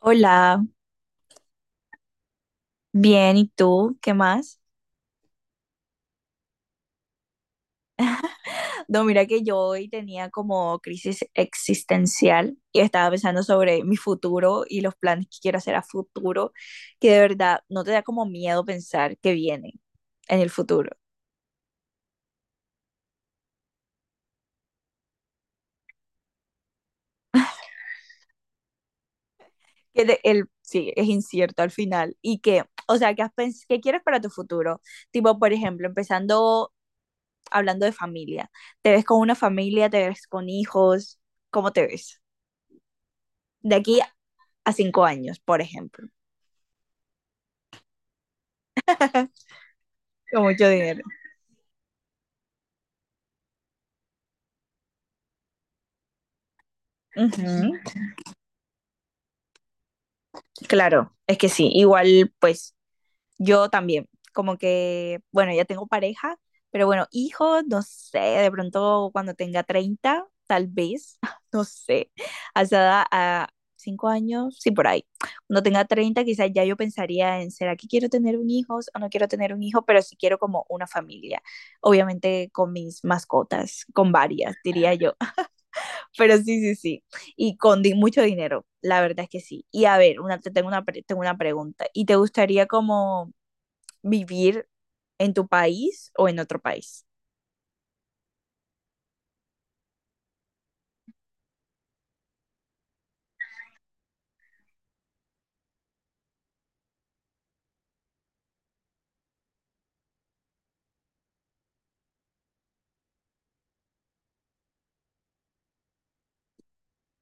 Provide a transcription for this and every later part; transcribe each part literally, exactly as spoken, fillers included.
Hola, bien, ¿y tú? ¿Qué más? No, mira que yo hoy tenía como crisis existencial y estaba pensando sobre mi futuro y los planes que quiero hacer a futuro, que de verdad no te da como miedo pensar que viene en el futuro, que de- el, sí, es incierto al final y que, o sea, que has pens- ¿qué quieres para tu futuro? Tipo, por ejemplo, empezando hablando de familia, ¿te ves con una familia, te ves con hijos? ¿Cómo te ves? De aquí a cinco años, por ejemplo. Con mucho dinero. Ujú. Claro, es que sí, igual pues yo también, como que, bueno, ya tengo pareja, pero bueno, hijos, no sé, de pronto cuando tenga treinta tal vez, no sé, hasta a cinco años, sí, por ahí. Cuando tenga treinta quizás ya yo pensaría en, ¿será que quiero tener un hijo o no quiero tener un hijo? Pero sí quiero como una familia, obviamente con mis mascotas, con varias, diría yo. Pero sí, sí, sí. Y con di- mucho dinero, la verdad es que sí. Y a ver, una, te tengo una, pre- tengo una pregunta. ¿Y te gustaría como vivir en tu país o en otro país?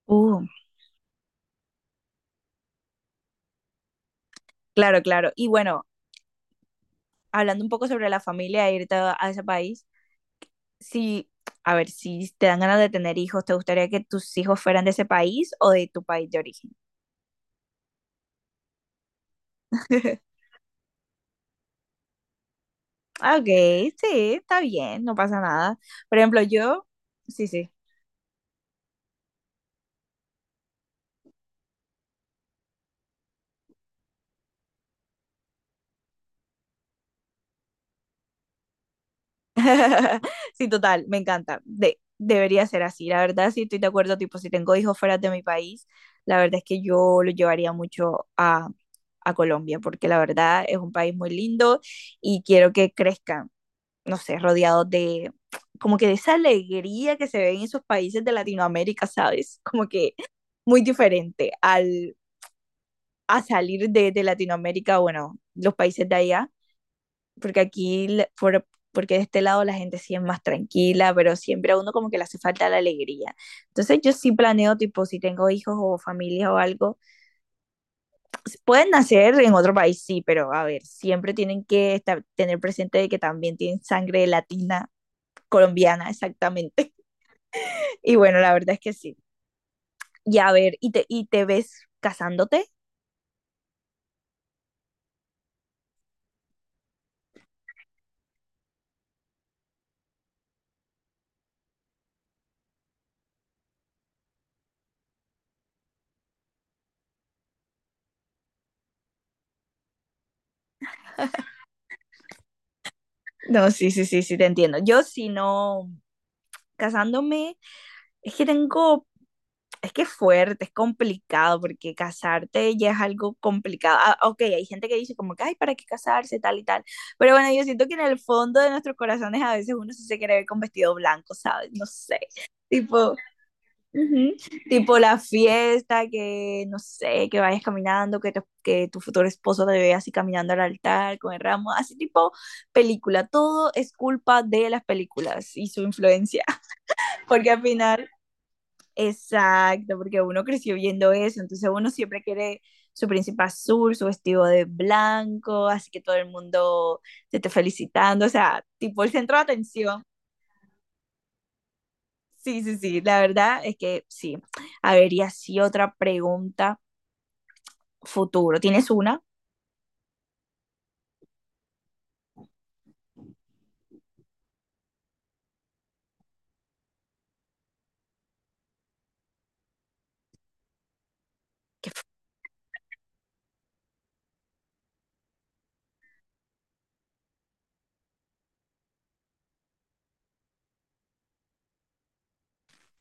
Uh. Claro, claro. Y bueno, hablando un poco sobre la familia, e irte a, a ese país, si, a ver, si te dan ganas de tener hijos, ¿te gustaría que tus hijos fueran de ese país o de tu país de origen? Ah, ok, sí, está bien, no pasa nada. Por ejemplo, yo, sí, sí. Sí, total, me encanta. De, debería ser así. La verdad, sí estoy de acuerdo, tipo, si tengo hijos fuera de mi país, la verdad es que yo lo llevaría mucho a, a Colombia, porque la verdad es un país muy lindo y quiero que crezcan, no sé, rodeados de como que de esa alegría que se ve en esos países de Latinoamérica, ¿sabes? Como que muy diferente al a salir de, de Latinoamérica, bueno, los países de allá porque aquí, la- por- porque de este lado la gente sí es más tranquila, pero siempre a uno como que le hace falta la alegría. Entonces yo sí planeo, tipo, si tengo hijos o familia o algo, s- pueden nacer en otro país, sí, pero a ver, siempre tienen que esta- tener presente de que también tienen sangre latina, colombiana, exactamente. Y bueno, la verdad es que sí. Y a ver, ¿y te, ¿y te ves casándote? No, sí, sí, sí, sí, te entiendo. Yo si no, casándome, es que tengo es que es fuerte, es complicado, porque casarte ya es algo complicado. Ah, ok, hay gente que dice como que, ay, ¿para qué casarse? Tal y tal. Pero bueno, yo siento que en el fondo de nuestros corazones a veces uno sí se quiere ver con vestido blanco, ¿sabes? No sé. Tipo, ujú, tipo la fiesta, que no sé, que vayas caminando, que, tu- que tu futuro esposo te vea así caminando al altar con el ramo, así tipo película. Todo es culpa de las películas y su influencia, porque al final exacto, porque uno creció viendo eso, entonces uno siempre quiere su príncipe azul, su vestido de blanco, así que todo el mundo te esté felicitando, o sea, tipo el centro de atención. Sí, sí, sí, la verdad es que sí. A ver, y así otra pregunta futuro. ¿Tienes una?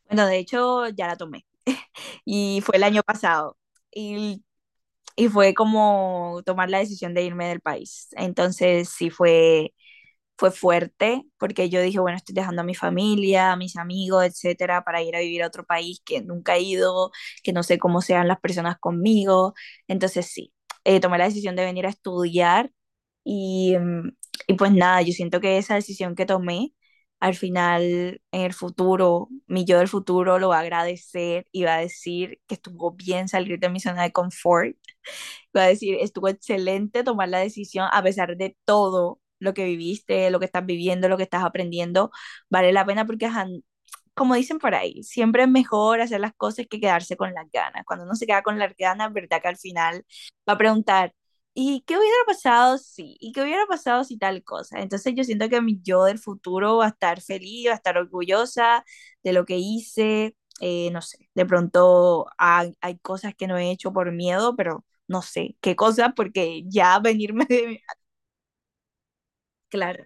Bueno, de hecho, ya la tomé y fue el año pasado. Y y fue como tomar la decisión de irme del país. Entonces sí fue, fue fuerte porque yo dije, bueno, estoy dejando a mi familia, a mis amigos, etcétera, para ir a vivir a otro país que nunca he ido, que no sé cómo sean las personas conmigo. Entonces sí, eh, tomé la decisión de venir a estudiar y, mm, y pues nada, yo siento que esa decisión que tomé al final en el futuro, mi yo del futuro lo va a agradecer y va a decir que estuvo bien salir de mi zona de confort. Voy a decir, estuvo excelente tomar la decisión a pesar de todo lo que viviste, lo que estás viviendo, lo que estás aprendiendo. Vale la pena porque, ajá, como dicen por ahí, siempre es mejor hacer las cosas que quedarse con las ganas. Cuando uno se queda con las ganas, verdad que al final va a preguntar, ¿y qué hubiera pasado si? ¿Y qué hubiera pasado si tal cosa? Entonces yo siento que mi yo del futuro va a estar feliz, va a estar orgullosa de lo que hice. Eh, no sé, de pronto hay, hay, cosas que no he hecho por miedo, pero no sé qué cosa, porque ya venirme de... Claro,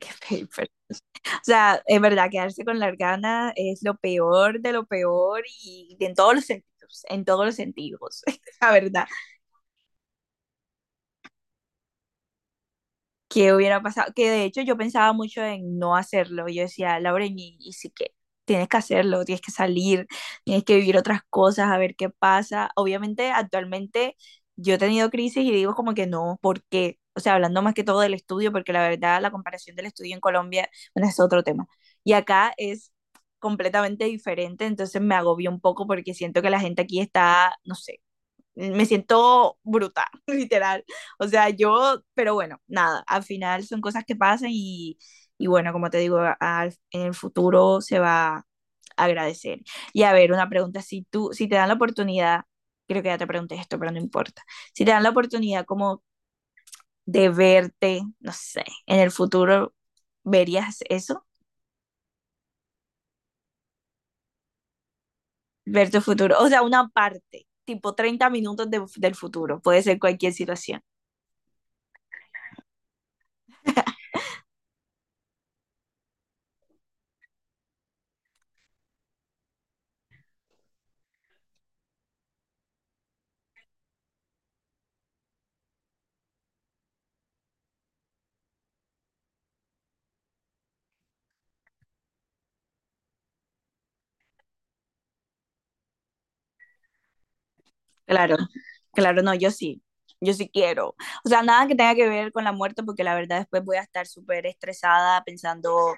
qué paper. O sea, es verdad, quedarse con las ganas es lo peor de lo peor y en todos los sentidos, en todos los sentidos, la verdad. ¿Qué hubiera pasado? Que de hecho yo pensaba mucho en no hacerlo. Yo decía, Lauren, y, y sí que tienes que hacerlo, tienes que salir, tienes que vivir otras cosas, a ver qué pasa. Obviamente, actualmente yo he tenido crisis y digo como que no, ¿por qué? O sea, hablando más que todo del estudio, porque la verdad la comparación del estudio en Colombia, bueno, es otro tema. Y acá es completamente diferente, entonces me agobió un poco porque siento que la gente aquí está, no sé me siento brutal literal. O sea, yo, pero bueno, nada, al final son cosas que pasan y, y bueno, como te digo, a- a- en el futuro se va a agradecer. Y a ver, una pregunta, si tú, si te dan la oportunidad, creo que ya te pregunté esto, pero no importa, si te dan la oportunidad como de verte, no sé, en el futuro, ¿verías eso? Ver tu futuro, o sea, una parte, tipo treinta minutos de- del futuro, puede ser cualquier situación. Claro, claro, no, yo sí, yo sí quiero. O sea, nada que tenga que ver con la muerte, porque la verdad después voy a estar súper estresada pensando,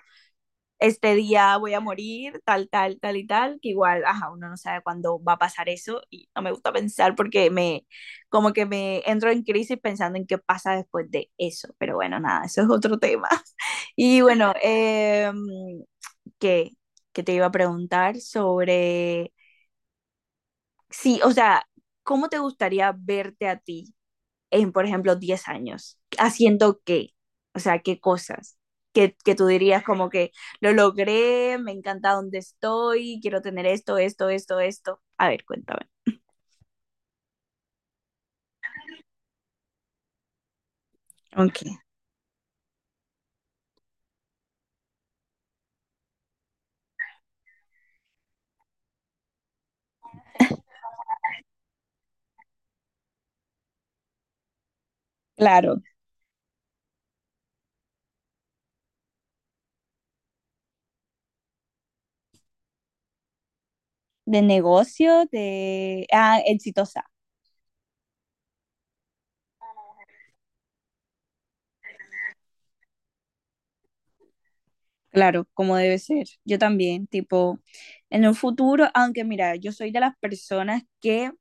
este día voy a morir, tal, tal, tal y tal, que igual, ajá, uno no sabe cuándo va a pasar eso y no me gusta pensar porque me, como que me entro en crisis pensando en qué pasa después de eso. Pero bueno, nada, eso es otro tema. Y bueno, eh, ¿qué? ¿Qué te iba a preguntar sobre, sí, o sea, ¿cómo te gustaría verte a ti en, por ejemplo, diez años? ¿Haciendo qué? O sea, ¿qué cosas? Que, que tú dirías como que lo logré, me encanta donde estoy, quiero tener esto, esto, esto, esto. A ver, cuéntame. Ok, claro. De negocio, de... Ah, exitosa. Claro, como debe ser. Yo también, tipo, en un futuro, aunque mira, yo soy de las personas que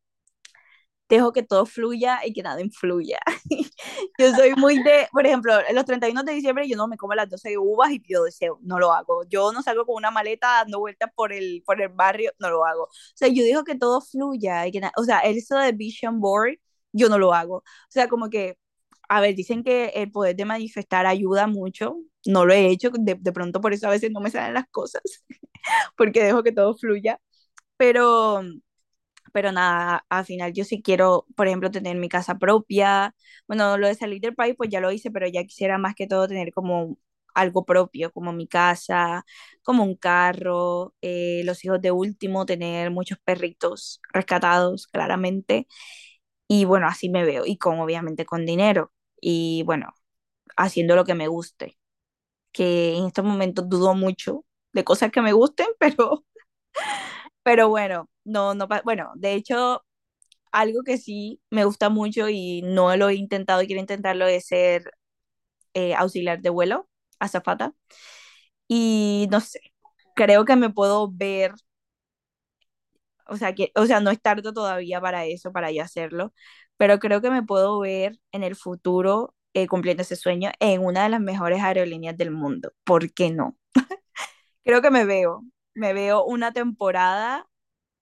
dejo que todo fluya y que nada influya. yo soy muy de, por ejemplo, los treinta y uno de diciembre yo no me como las doce uvas y pido deseo, no lo hago. Yo no salgo con una maleta dando vueltas por el, por el barrio, no lo hago. O sea, yo digo que todo fluya y que nada, o sea, eso de vision board, yo no lo hago. O sea, como que, a ver, dicen que el poder de manifestar ayuda mucho, no lo he hecho, de, de pronto por eso a veces no me salen las cosas, porque dejo que todo fluya, pero pero nada, al final yo sí quiero, por ejemplo, tener mi casa propia. Bueno, lo de salir del país, pues ya lo hice, pero ya quisiera más que todo tener como algo propio, como mi casa, como un carro, eh, los hijos de último, tener muchos perritos rescatados, claramente. Y bueno, así me veo, y con obviamente con dinero, y bueno, haciendo lo que me guste, que en estos momentos dudo mucho de cosas que me gusten, pero, pero bueno, no, no, pa- bueno, de hecho algo que sí me gusta mucho y no lo he intentado y quiero intentarlo es ser eh, auxiliar de vuelo, azafata. Y no sé, creo que me puedo ver, o sea, que, o sea, no es tarde todavía para eso, para yo hacerlo, pero creo que me puedo ver en el futuro eh, cumpliendo ese sueño en una de las mejores aerolíneas del mundo. ¿Por qué no? Creo que me veo, me veo una temporada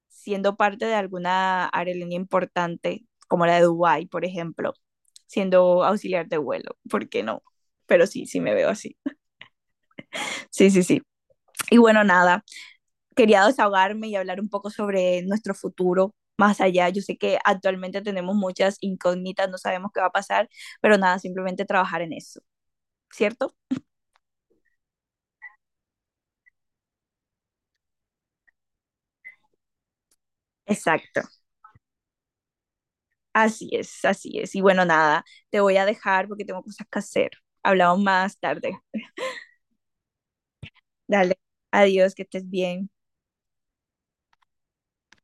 siendo parte de alguna aerolínea importante, como la de Dubái, por ejemplo, siendo auxiliar de vuelo, ¿por qué no? Pero sí, sí me veo así. Sí, sí, sí. Y bueno, nada, quería desahogarme y hablar un poco sobre nuestro futuro más allá. Yo sé que actualmente tenemos muchas incógnitas, no sabemos qué va a pasar, pero nada, simplemente trabajar en eso, ¿cierto? Exacto. Así es, así es. Y bueno, nada, te voy a dejar porque tengo cosas que hacer. Hablamos más tarde. Dale, adiós, que estés bien.